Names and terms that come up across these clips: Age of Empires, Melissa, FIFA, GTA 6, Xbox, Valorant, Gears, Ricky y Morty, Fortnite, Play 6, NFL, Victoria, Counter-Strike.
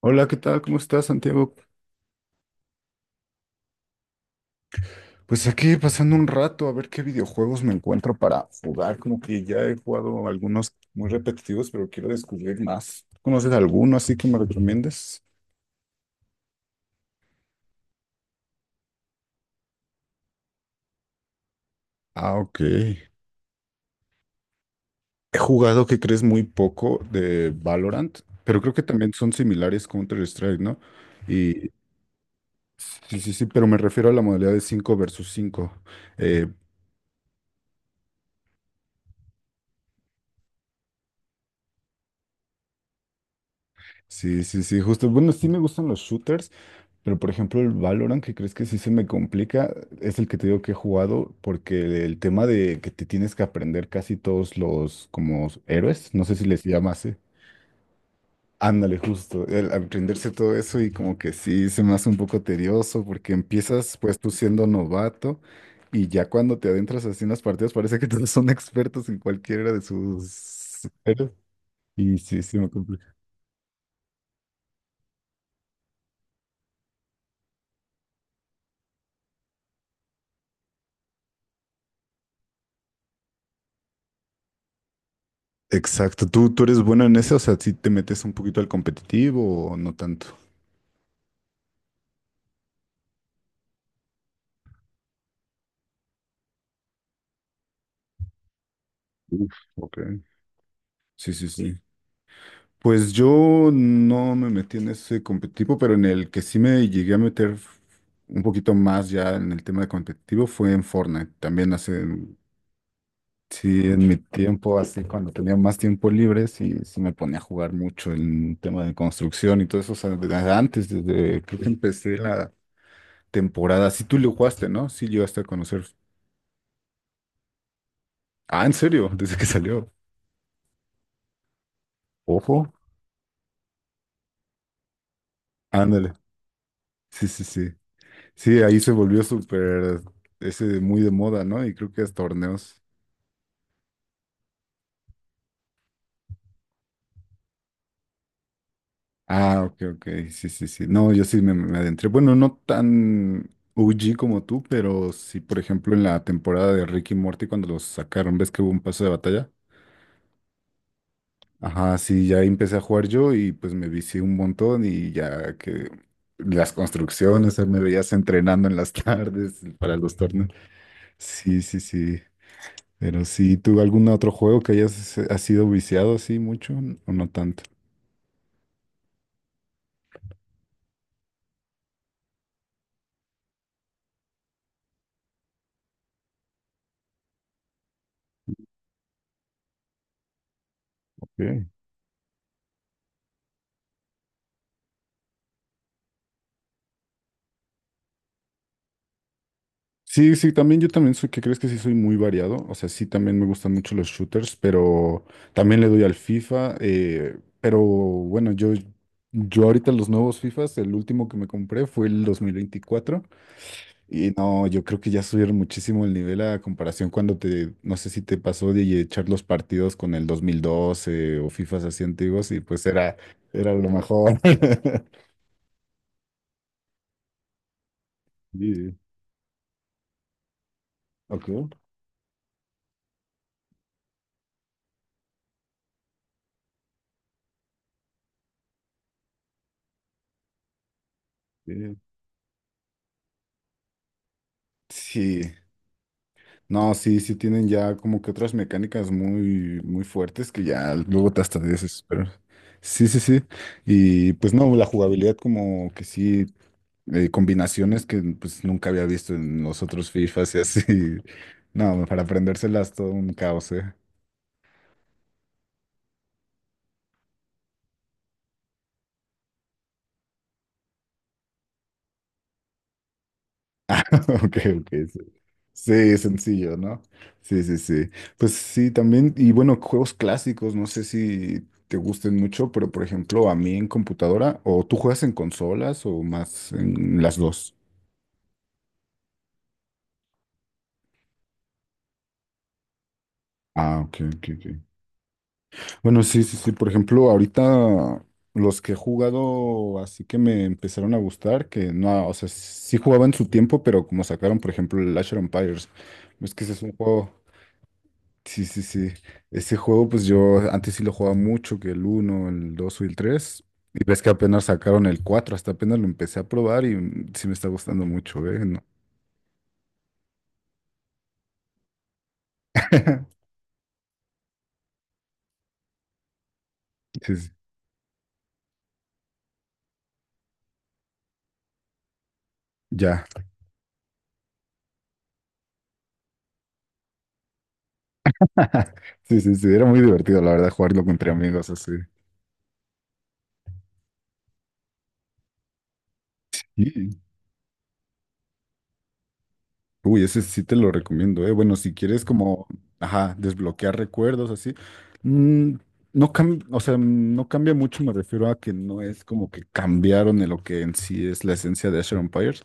Hola, ¿qué tal? ¿Cómo estás, Santiago? Pues aquí pasando un rato a ver qué videojuegos me encuentro para jugar. Como que ya he jugado algunos muy repetitivos, pero quiero descubrir más. ¿Conoces alguno así que me recomiendes? Ah, ok. He jugado, que crees, muy poco de Valorant, pero creo que también son similares Counter-Strike, ¿no? Y sí, pero me refiero a la modalidad de 5 versus 5. Eh, sí, sí, sí, justo. Bueno, sí me gustan los shooters. Pero por ejemplo, el Valorant, que crees que sí se me complica, es el que te digo que he jugado, porque el tema de que te tienes que aprender casi todos los como héroes, no sé si les llamas, ¿eh? Ándale, justo, el aprenderse todo eso y como que sí se me hace un poco tedioso, porque empiezas pues tú siendo novato y ya cuando te adentras así en las partidas parece que todos son expertos en cualquiera de sus héroes. Y sí, sí me complica. Exacto, ¿tú eres bueno en eso? O sea, ¿si te metes un poquito al competitivo o no tanto? Uf, ok. Sí, sí, sí. Pues yo no me metí en ese competitivo, pero en el que sí me llegué a meter un poquito más ya en el tema de competitivo fue en Fortnite. También hace, sí, en mi tiempo, así cuando tenía más tiempo libre, sí, sí me ponía a jugar mucho en tema de construcción y todo eso. O sea, desde antes, desde que empecé la temporada, sí tú lo jugaste, ¿no? Sí llegaste a conocer. Ah, ¿en serio? Desde que salió. Ojo. Ándale. Sí, sí, sí. Sí, ahí se volvió súper ese de muy de moda, ¿no? Y creo que es torneos. Ah, ok, ok, sí, sí, sí. No, yo sí me adentré. Bueno, no tan OG como tú, pero sí, por ejemplo, en la temporada de Ricky y Morty, cuando los sacaron, ¿ves que hubo un paso de batalla? Ajá, sí, ya empecé a jugar yo y pues me vicié un montón y ya que las construcciones, o sea, me veías entrenando en las tardes para los torneos. Sí, sí, sí. Pero sí, ¿tú algún otro juego que hayas has sido viciado así mucho o no tanto? Ok. Sí, sí, también yo también soy, que crees que sí soy muy variado? O sea, sí también me gustan mucho los shooters, pero también le doy al FIFA. Pero bueno, yo ahorita los nuevos FIFAs, el último que me compré fue el 2024. Y no, yo creo que ya subieron muchísimo el nivel a comparación cuando te, no sé si te pasó de echar los partidos con el 2012 o FIFAs así antiguos y pues era, era lo mejor. Sí, ok. Sí. Sí. No, sí, sí tienen ya como que otras mecánicas muy, muy fuertes que ya luego te hasta desesperas. Sí, sí, sí. Y pues no, la jugabilidad como que sí, combinaciones que pues nunca había visto en los otros FIFAs y así. No, para aprendérselas todo un caos, ¿eh? Ok, ok. Sí, sí, sencillo, ¿no? Sí, sí, sí. Pues sí, también, y bueno, juegos clásicos, no sé si te gusten mucho, pero por ejemplo, a mí en computadora, ¿o tú juegas en consolas o más en las dos? Ah, ok, ok, ok. Bueno, sí, sí, sí. Por ejemplo, ahorita los que he jugado, así que me empezaron a gustar, que no, o sea, sí jugaba en su tiempo, pero como sacaron, por ejemplo, el Age of Empires, es que ese es un juego. Sí, sí, sí. Ese juego, pues yo antes sí lo jugaba mucho, que el uno el 2 y el tres. Y ves que apenas sacaron el 4 hasta apenas lo empecé a probar y mm, sí me está gustando mucho, ¿eh? No. Sí, sí. Ya. Sí, sí, sí. Era muy divertido, la verdad, jugarlo entre amigos así. Uy, ese sí te lo recomiendo, ¿eh? Bueno, si quieres como, ajá, desbloquear recuerdos así, mm, no cambia, o sea, no cambia mucho, me refiero a que no es como que cambiaron en lo que en sí es la esencia de Asher Empires.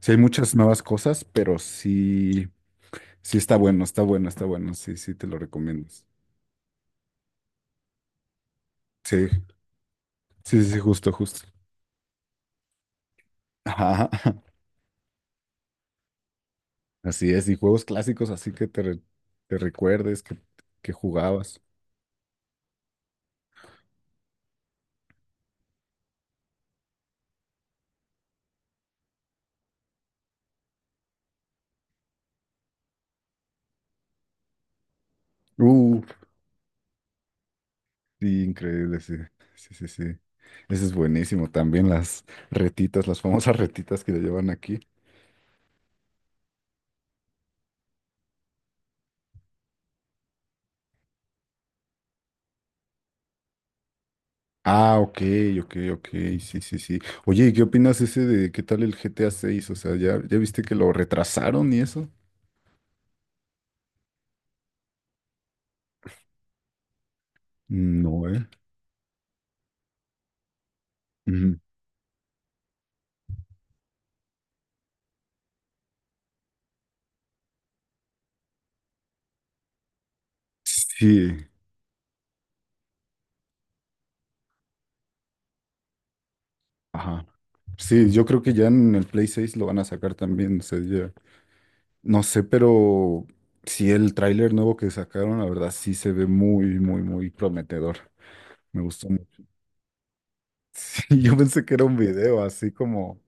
Sí hay muchas nuevas cosas, pero sí, sí está bueno, está bueno, está bueno, sí, sí te lo recomiendo. Sí, sí, sí, justo, justo. Ajá, así es, y juegos clásicos así que te, te recuerdes que jugabas. Uh, Sí, increíble, sí. Sí, sí, sí. Ese es buenísimo. También las retitas, las famosas retitas que le llevan aquí. Ah, ok, ok, ok. Sí, sí, sí. Oye, ¿y qué opinas ese de qué tal el GTA 6? O sea, ¿ya, ya viste que lo retrasaron y eso? No, ¿eh? Ujú. Sí, ajá. Sí, yo creo que ya en el Play 6 lo van a sacar también. O sea, ya. No sé, pero sí, el tráiler nuevo que sacaron, la verdad, sí se ve muy, muy, muy prometedor. Me gustó. Sí, yo pensé que era un video, así como,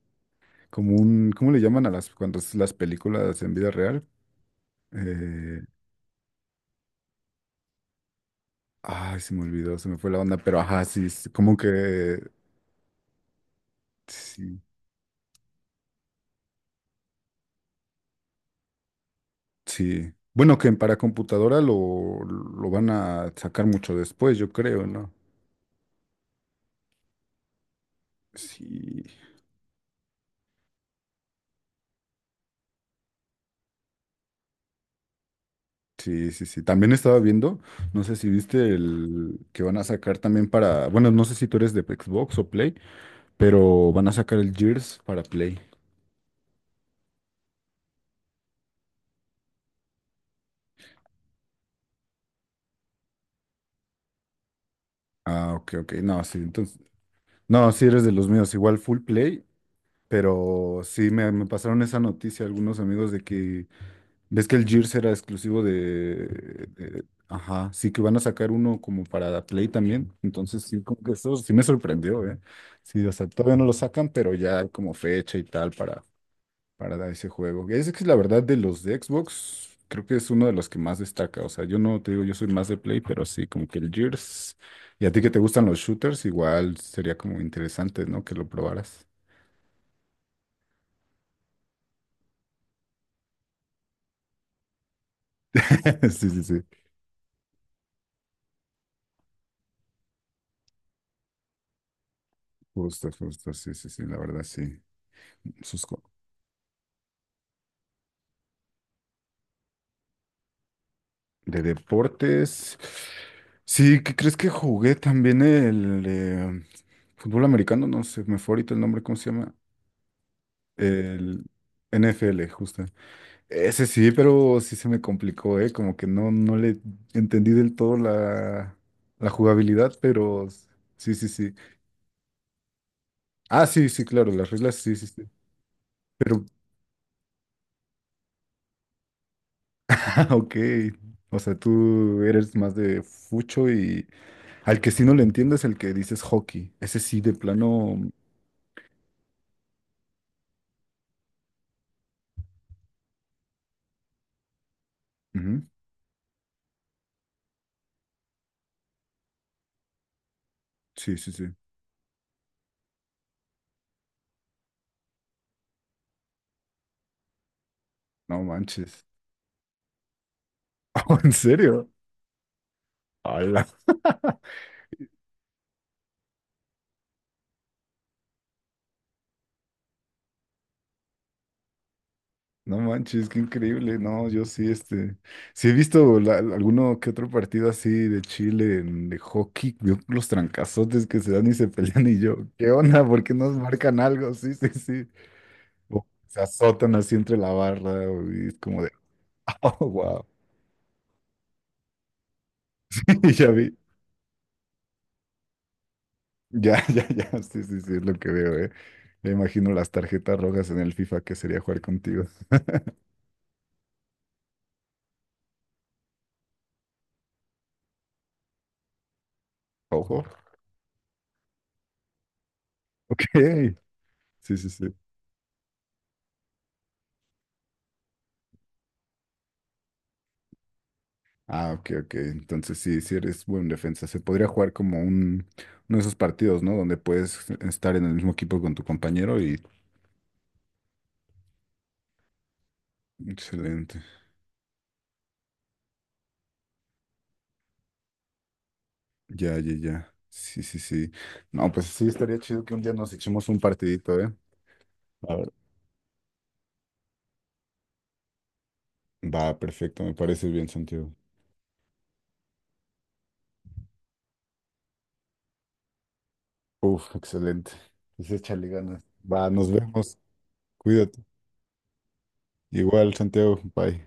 como un, ¿cómo le llaman a las, cuando es las películas en vida real? Eh, ay, se me olvidó, se me fue la onda, pero ajá, sí, sí, como que, sí, sí. Bueno, que para computadora lo van a sacar mucho después, yo creo, ¿no? Sí, sí, sí, sí. También estaba viendo, no sé si viste el que van a sacar también para, bueno, no sé si tú eres de Xbox o Play, pero van a sacar el Gears para Play. Ah, ok, ok. No, sí, no, sí eres de los míos, igual full play, pero sí me pasaron esa noticia algunos amigos de que ves que el Gears era exclusivo de, ajá, sí que van a sacar uno como para Play también, entonces sí como que eso sí me sorprendió, ¿eh? Sí, o sea, todavía no lo sacan, pero ya hay como fecha y tal para ese juego. Es que la verdad de los de Xbox, creo que es uno de los que más destaca. O sea, yo no te digo, yo soy más de Play, pero sí, como que el Gears. Y a ti que te gustan los shooters, igual sería como interesante, ¿no? Que lo probaras. Sí, sí, sí. Justo, justo, sí, sí, sí, la verdad, sí. Sus co- de deportes. Sí, ¿qué crees que jugué también el fútbol americano? No sé, me fue ahorita el nombre, ¿cómo se llama? El NFL, justo. Ese sí, pero sí se me complicó, ¿eh? Como que no, no le entendí del todo la, la jugabilidad, pero sí, sí, sí. Ah, sí, sí, claro, las reglas, sí, sí, sí. Pero, ah, ok. O sea, tú eres más de fucho y al que sí no le entiendes, el que dices hockey. Ese sí, de plano. Ujú, sí, sí, sí. No manches. ¿En serio? Hola. No manches, qué increíble. No, yo sí, este, sí he visto alguno que otro partido así de Chile, de hockey, veo los trancazotes que se dan y se pelean y yo, ¿qué onda? ¿Por qué nos marcan algo? Sí, sí, sí. O se azotan así entre la barra y es como de, oh, wow. Y ya vi, ya, ya, ya, sí, sí, sí, es lo que veo, ¿eh? Me imagino las tarjetas rojas en el FIFA que sería jugar contigo. Ojo, ok. Sí, sí, sí. Ah, ok, ok. Entonces sí, sí eres buen defensa. Se podría jugar como un, uno de esos partidos, ¿no? Donde puedes estar en el mismo equipo con tu compañero y... Excelente. Ya, ya, ya. Sí, sí, sí. No, pues sí, estaría chido que un día nos echemos un partidito, ¿eh? A ver. Va, perfecto, me parece bien, Santiago. Uf, excelente. Pues échale ganas. Va, nos vemos. Cuídate. Igual, Santiago. Bye.